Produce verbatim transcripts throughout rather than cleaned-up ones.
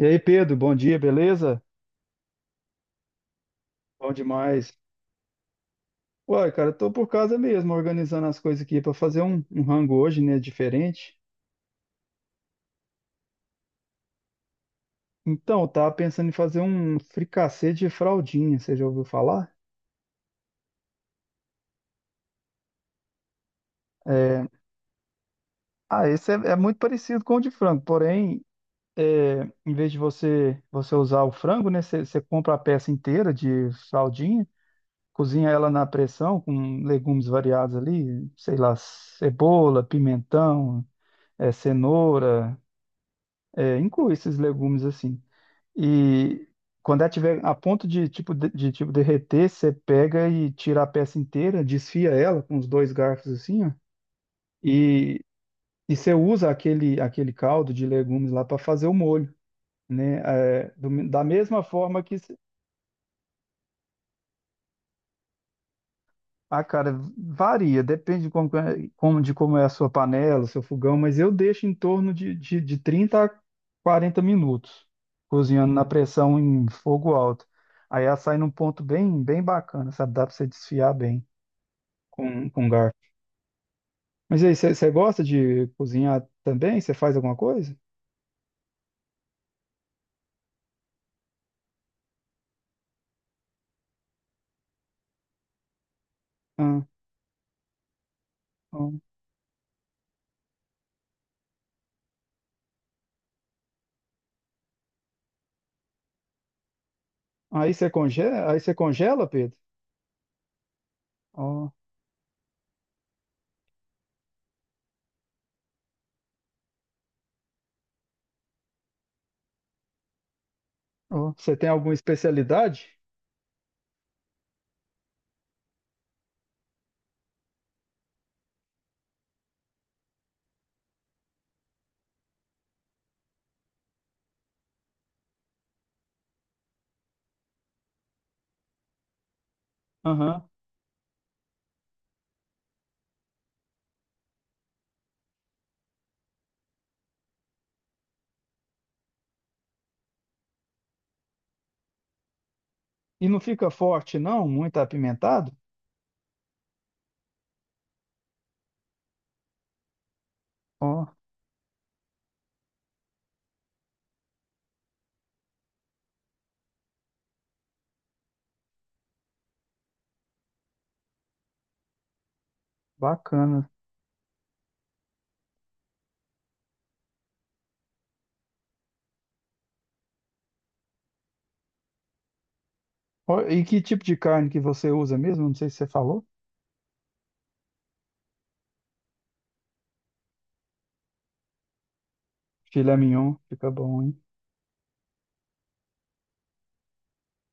E aí, Pedro, bom dia, beleza? Bom demais. Uai, cara, tô por casa mesmo, organizando as coisas aqui para fazer um, um rango hoje, né, diferente. Então, eu tava pensando em fazer um fricassê de fraldinha, você já ouviu falar? É, Ah, esse é, é muito parecido com o de frango, porém, é, em vez de você você usar o frango, né, você você compra a peça inteira de fraldinha, cozinha ela na pressão com legumes variados ali, sei lá, cebola, pimentão, é, cenoura, é, inclui esses legumes assim. E quando ela tiver a ponto de tipo de, de, tipo derreter, você pega e tira a peça inteira, desfia ela com os dois garfos assim, ó, e, e você usa aquele aquele caldo de legumes lá para fazer o molho, né? É, do- da mesma forma que ah, cara, varia, depende de como, é- como- de como é a sua panela, o seu fogão, mas eu deixo em torno de, de, de trinta a quarenta minutos cozinhando na, uhum, pressão em fogo alto. Aí ela sai num ponto bem, bem bacana, sabe? Dá pra você desfiar bem com, com garfo. Mas aí, você você gosta de cozinhar também? Você faz alguma coisa? Ah, ó. Aí você congela, aí você congela, Pedro? Ó, ó. Você tem alguma especialidade? Aham. E não fica forte, não? Muito apimentado? Ó. Bacana. Ó, e que tipo de carne que você usa mesmo? Não sei se você falou. Filé mignon, fica bom, hein?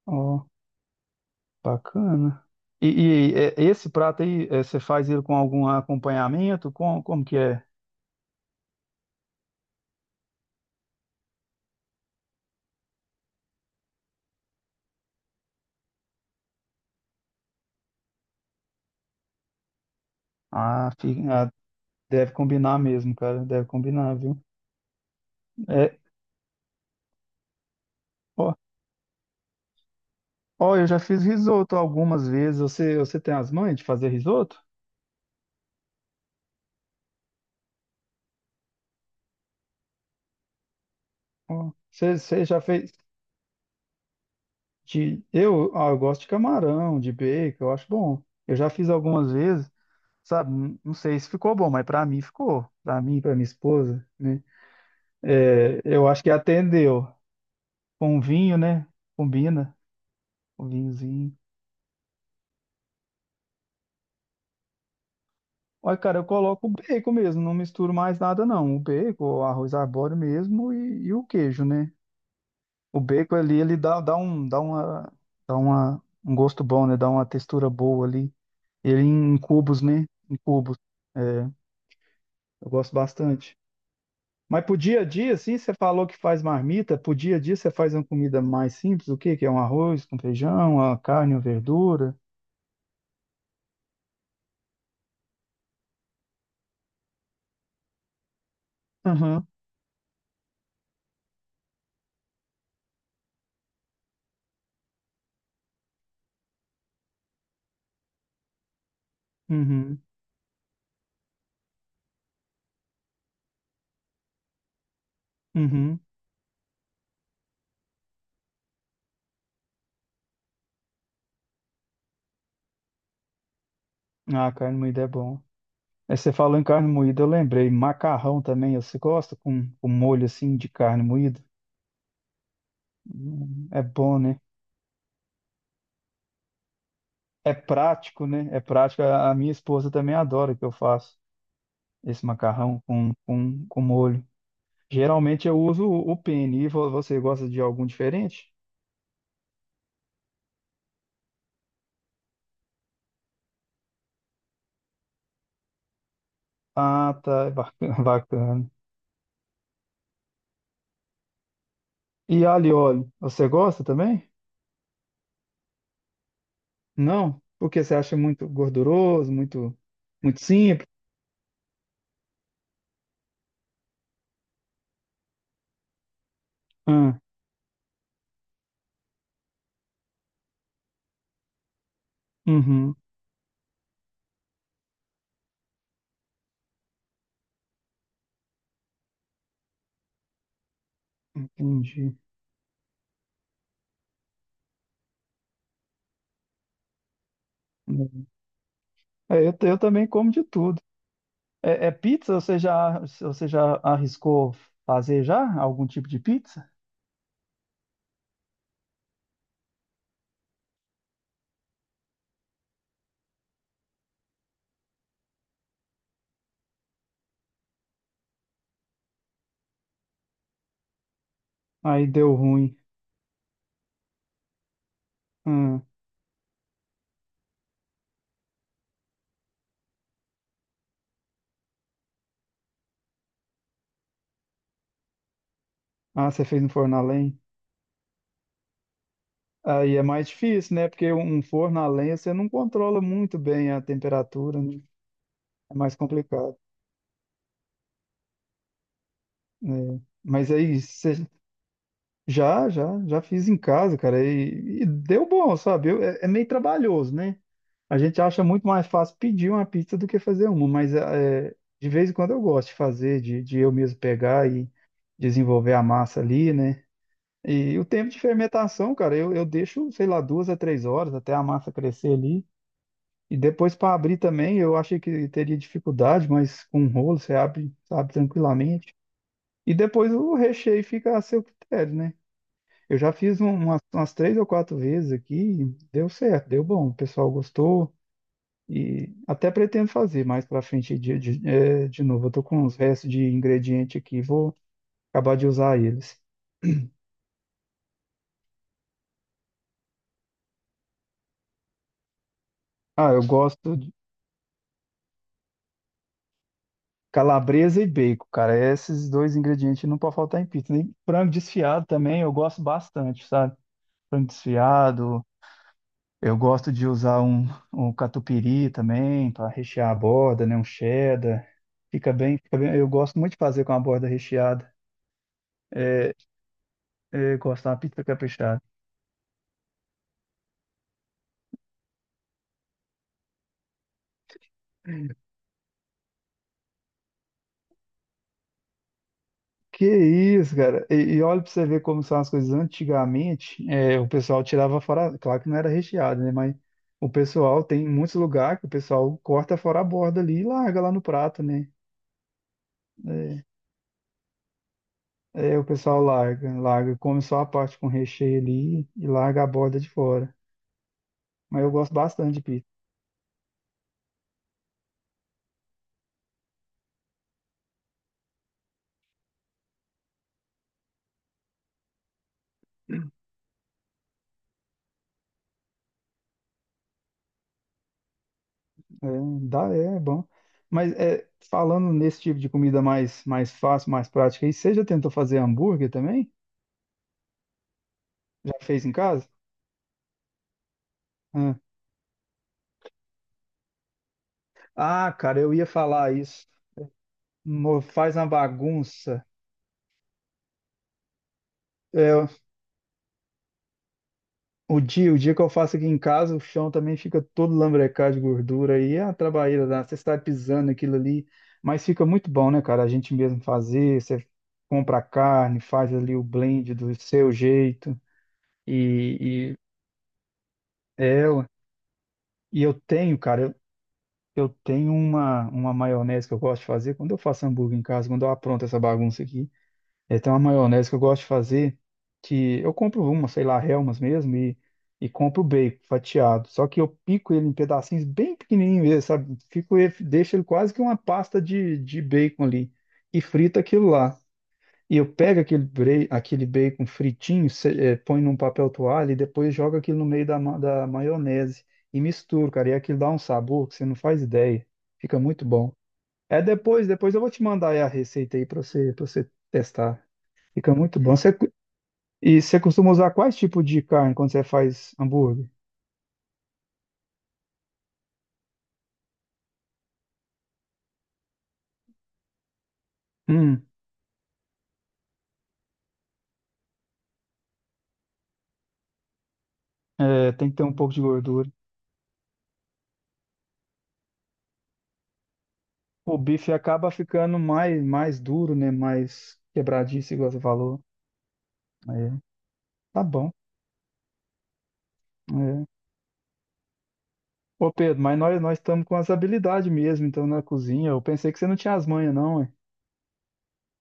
Ó, bacana. E, e, é, esse prato aí, é, você faz ele com algum acompanhamento? Com, como que é? Ah, fica- ah, deve combinar mesmo, cara. Deve combinar, viu? É, ó, ó, eu já fiz risoto algumas vezes. Você, você tem as manhas de fazer risoto? Ó, você, você já fez de... Eu, ah, eu gosto de camarão, de bacon, eu acho bom. Eu já fiz algumas vezes. Sabe? Não sei se ficou bom, mas pra mim ficou. Pra mim, pra minha esposa, né? É, eu acho que atendeu. Com vinho, né? Combina. Com vinhozinho. Olha, cara, eu coloco o bacon mesmo, não misturo mais nada, não. O bacon, o arroz arbóreo mesmo e, e o queijo, né? O bacon ali, ele dá, dá um, dá uma, dá uma, um gosto bom, né? Dá uma textura boa ali. Ele em cubos, né? Em cubos. É, eu gosto bastante. Mas pro dia a dia, assim, você falou que faz marmita, pro dia a dia você faz uma comida mais simples, o quê? Que é um arroz com feijão, uma carne, uma verdura. Aham, uhum, uhum. Ah, carne moída é bom. Aí você falou em carne moída, eu lembrei. Macarrão também, você gosta com, com molho assim de carne moída? Hum, É bom, né? É prático, né? É prático. A a minha esposa também adora que eu faço esse macarrão com, com, com molho. Geralmente eu uso o o penne. E vo- você gosta de algum diferente? Ah, tá. É, bacana. Bacana. E alho e óleo, você gosta também? Não? Porque você acha muito gorduroso, muito, muito simples? Ah, uhum. Entendi. É, eu, eu também como de tudo. É, é pizza? Você já, você já arriscou fazer já algum tipo de pizza? Aí deu ruim. Hum. Ah, você fez no forno a lenha? Aí é mais difícil, né? Porque um um forno a lenha você não controla muito bem a temperatura, né? É mais complicado, né? Mas aí você Já, já, já fiz em casa, cara, e, e deu bom, sabe? Eu- é, é meio trabalhoso, né? A gente acha muito mais fácil pedir uma pizza do que fazer uma, mas é, é, de vez em quando eu gosto de fazer, de, de eu mesmo pegar e desenvolver a massa ali, né? E o tempo de fermentação, cara, eu, eu deixo, sei lá, duas a três horas até a massa crescer ali. E depois para abrir também, eu achei que teria dificuldade, mas com um rolo você abre, abre tranquilamente. E depois o recheio fica a seu critério, né? Eu já fiz um- umas, umas três ou quatro vezes aqui, e deu certo, deu bom, o pessoal gostou e até pretendo fazer mais para frente de, de, eh, de novo. Eu tô com uns restos de ingrediente aqui, vou acabar de usar eles. Ah, eu gosto de calabresa e bacon, cara. Esses dois ingredientes não pode faltar em pizza. E frango desfiado também eu gosto bastante, sabe? Frango desfiado. Eu gosto de usar um, um catupiry também para rechear a borda, né? Um cheddar. Fica bem, fica bem. Eu gosto muito de fazer com a borda recheada. Eu gosto da pizza caprichada. Que isso, cara. E, e olha para você ver como são as coisas. Antigamente, é, o pessoal tirava fora. Claro que não era recheado, né? Mas o pessoal tem muitos lugares que o pessoal corta fora a borda ali e larga lá no prato, né? É, é, o pessoal larga, larga, come só a parte com recheio ali e larga a borda de fora. Mas eu gosto bastante de pizza. É, dá, é, é bom. Mas é, falando nesse tipo de comida mais, mais fácil, mais prática, aí, você já tentou fazer hambúrguer também? Já fez em casa? Ah, Ah, cara, eu ia falar isso. Mo- faz uma bagunça. É, o dia, o dia que eu faço aqui em casa, o chão também fica todo lambrecado de gordura e é a trabalheira, né? Você está pisando aquilo ali, mas fica muito bom, né, cara? A gente mesmo fazer, você compra a carne, faz ali o blend do seu jeito, e, e é, e eu tenho, cara, eu, eu tenho uma, uma maionese que eu gosto de fazer. Quando eu faço hambúrguer em casa, quando eu apronto essa bagunça aqui, é, tem uma maionese que eu gosto de fazer, que eu compro uma, sei lá, Hellmann's mesmo, e, e compro o bacon fatiado. Só que eu pico ele em pedacinhos bem pequenininhos mesmo, sabe? Fico, ele- deixo ele quase que uma pasta de, de bacon ali. E frito aquilo lá. E eu pego aquele, bre- aquele bacon fritinho, se- eh, põe num papel toalha e depois jogo aquilo no meio da, ma- da maionese e misturo, cara. E aquilo dá um sabor que você não faz ideia. Fica muito bom. É depois, depois eu vou te mandar aí a receita aí para você, para você testar. Fica muito bom. Você, cu- e Você costuma usar quais tipos de carne quando você faz hambúrguer? Hum, é, tem que ter um pouco de gordura. O bife acaba ficando mais, mais duro, né? Mais quebradiço, igual você falou. É, tá bom. Ô Pedro, mas nós nós estamos com as habilidades mesmo, então, na cozinha. Eu pensei que você não tinha as manhas, não, hein?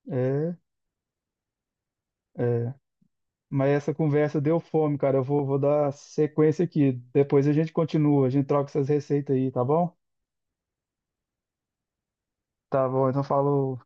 É, é. Mas essa conversa deu fome, cara. Eu vou, vou dar sequência aqui. Depois a gente continua, a gente troca essas receitas aí, tá bom? Tá bom, então falou.